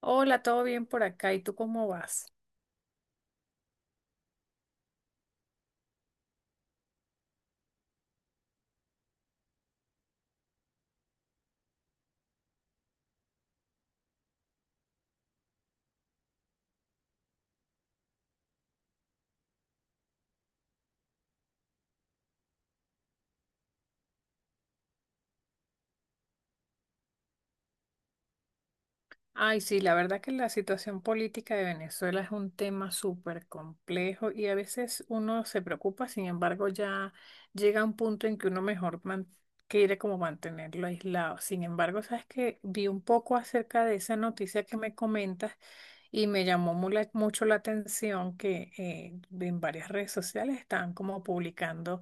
Hola, ¿todo bien por acá? ¿Y tú cómo vas? Ay, sí, la verdad que la situación política de Venezuela es un tema súper complejo y a veces uno se preocupa. Sin embargo, ya llega un punto en que uno mejor quiere como mantenerlo aislado. Sin embargo, sabes que vi un poco acerca de esa noticia que me comentas. Y me llamó mucho la atención que en varias redes sociales estaban como publicando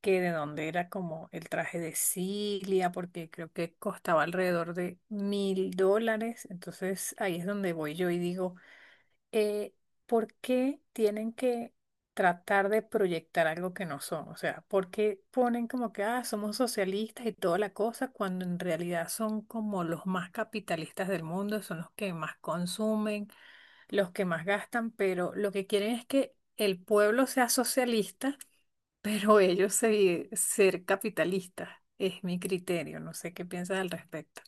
que de dónde era como el traje de Cilia, porque creo que costaba alrededor de $1000. Entonces ahí es donde voy yo y digo, eh, ¿por qué tienen que tratar de proyectar algo que no son? O sea, ¿por qué ponen como que, ah, somos socialistas y toda la cosa, cuando en realidad son como los más capitalistas del mundo, son los que más consumen, los que más gastan, pero lo que quieren es que el pueblo sea socialista, pero ellos se, ser capitalistas. Es mi criterio, no sé qué piensas al respecto.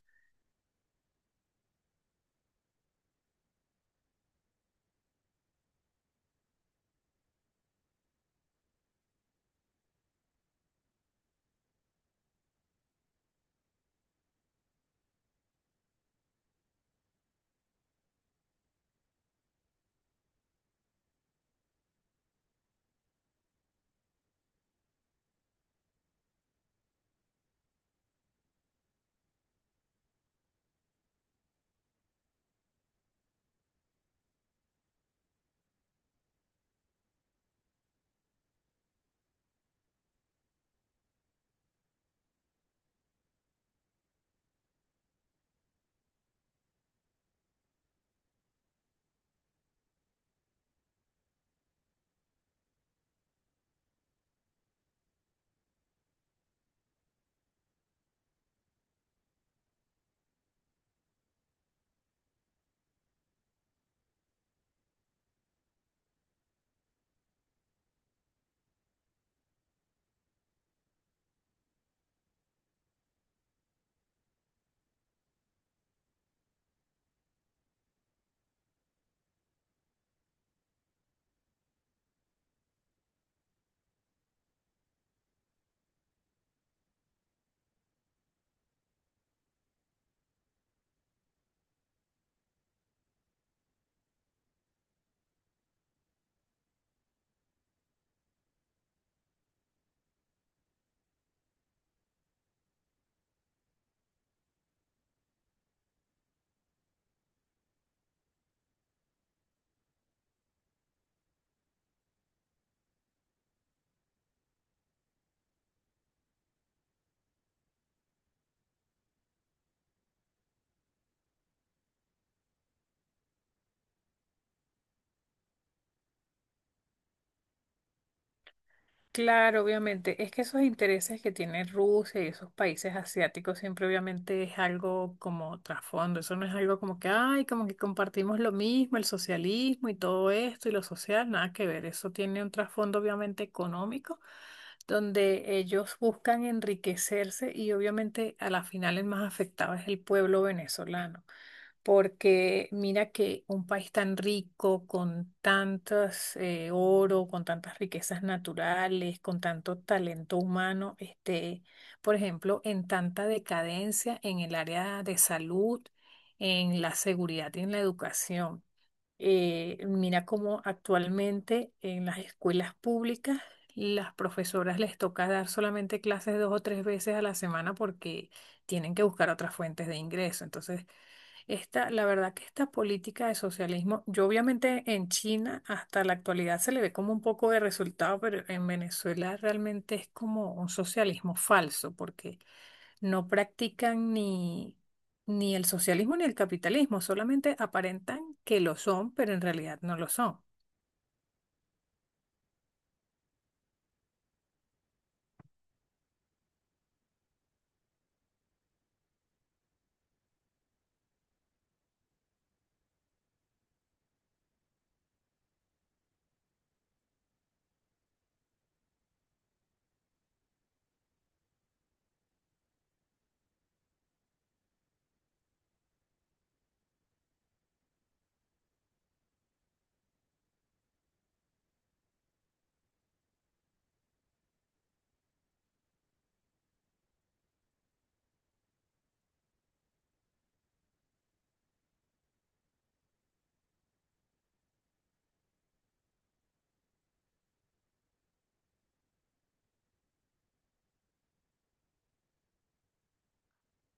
Claro, obviamente. Es que esos intereses que tiene Rusia y esos países asiáticos siempre obviamente es algo como trasfondo. Eso no es algo como que, ay, como que compartimos lo mismo, el socialismo y todo esto y lo social, nada que ver. Eso tiene un trasfondo obviamente económico, donde ellos buscan enriquecerse y obviamente a la final el más afectado es el pueblo venezolano, porque mira que un país tan rico, con tantos oro, con tantas riquezas naturales, con tanto talento humano, esté, por ejemplo, en tanta decadencia en el área de salud, en la seguridad y en la educación. Mira cómo actualmente en las escuelas públicas las profesoras les toca dar solamente clases dos o tres veces a la semana porque tienen que buscar otras fuentes de ingreso. Entonces, esta, la verdad que esta política de socialismo, yo obviamente en China hasta la actualidad se le ve como un poco de resultado, pero en Venezuela realmente es como un socialismo falso porque no practican ni el socialismo ni el capitalismo, solamente aparentan que lo son, pero en realidad no lo son.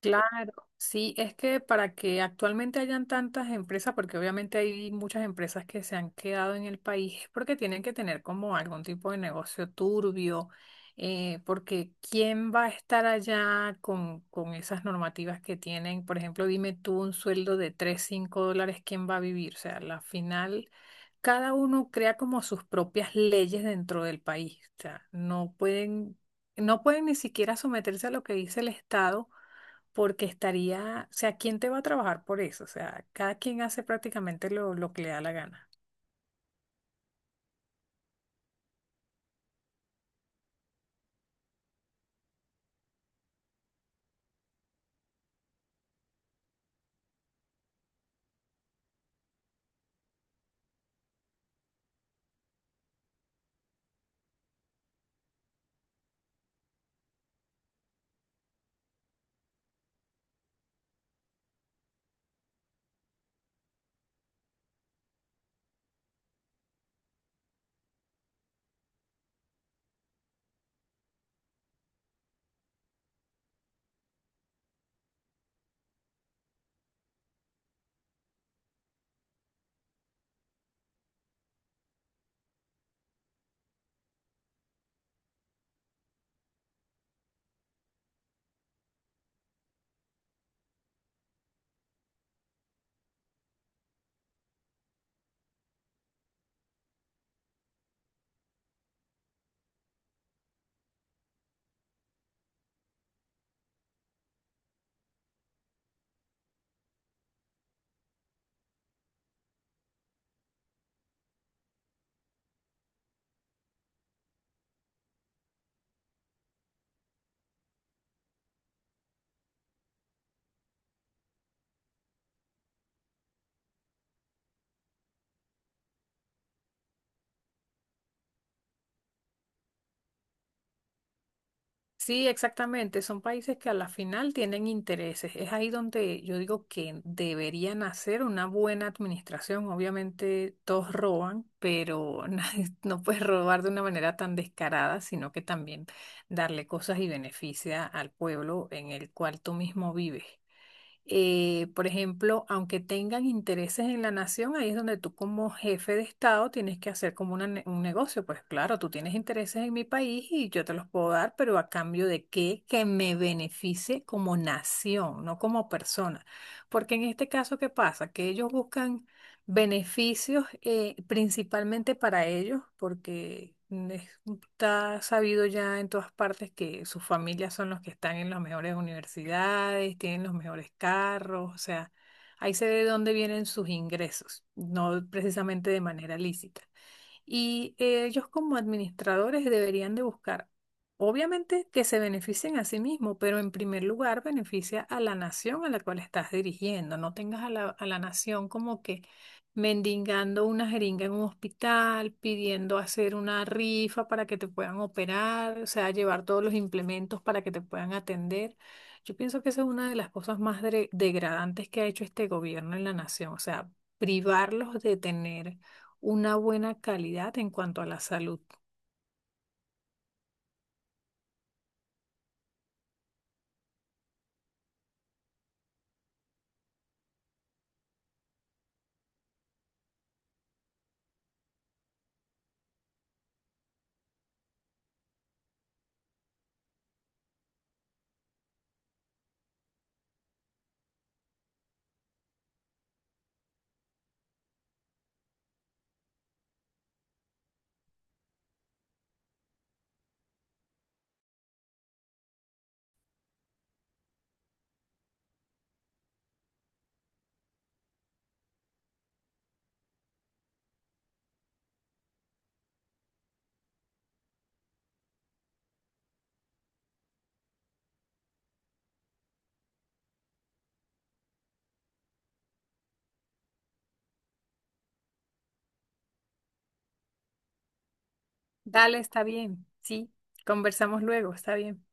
Claro, sí, es que para que actualmente hayan tantas empresas, porque obviamente hay muchas empresas que se han quedado en el país, es porque tienen que tener como algún tipo de negocio turbio. Porque ¿quién va a estar allá con esas normativas que tienen? Por ejemplo, dime tú un sueldo de 3, 5 dólares, ¿quién va a vivir? O sea, la final, cada uno crea como sus propias leyes dentro del país, o sea, no pueden ni siquiera someterse a lo que dice el Estado, porque estaría, o sea, ¿quién te va a trabajar por eso? O sea, cada quien hace prácticamente lo que le da la gana. Sí, exactamente, son países que a la final tienen intereses. Es ahí donde yo digo que deberían hacer una buena administración. Obviamente todos roban, pero no puedes robar de una manera tan descarada, sino que también darle cosas y beneficia al pueblo en el cual tú mismo vives. Por ejemplo, aunque tengan intereses en la nación, ahí es donde tú como jefe de Estado tienes que hacer como un negocio. Pues claro, tú tienes intereses en mi país y yo te los puedo dar, ¿pero a cambio de qué? Que me beneficie como nación, no como persona. Porque en este caso, ¿qué pasa? Que ellos buscan beneficios, principalmente para ellos, porque está sabido ya en todas partes que sus familias son los que están en las mejores universidades, tienen los mejores carros, o sea, ahí se ve de dónde vienen sus ingresos, no precisamente de manera lícita. Y ellos como administradores deberían de buscar, obviamente, que se beneficien a sí mismos, pero en primer lugar beneficia a la nación a la cual estás dirigiendo. No tengas a a la nación como que mendigando una jeringa en un hospital, pidiendo hacer una rifa para que te puedan operar, o sea, llevar todos los implementos para que te puedan atender. Yo pienso que esa es una de las cosas más degradantes que ha hecho este gobierno en la nación, o sea, privarlos de tener una buena calidad en cuanto a la salud. Dale, está bien. Sí, conversamos luego, está bien.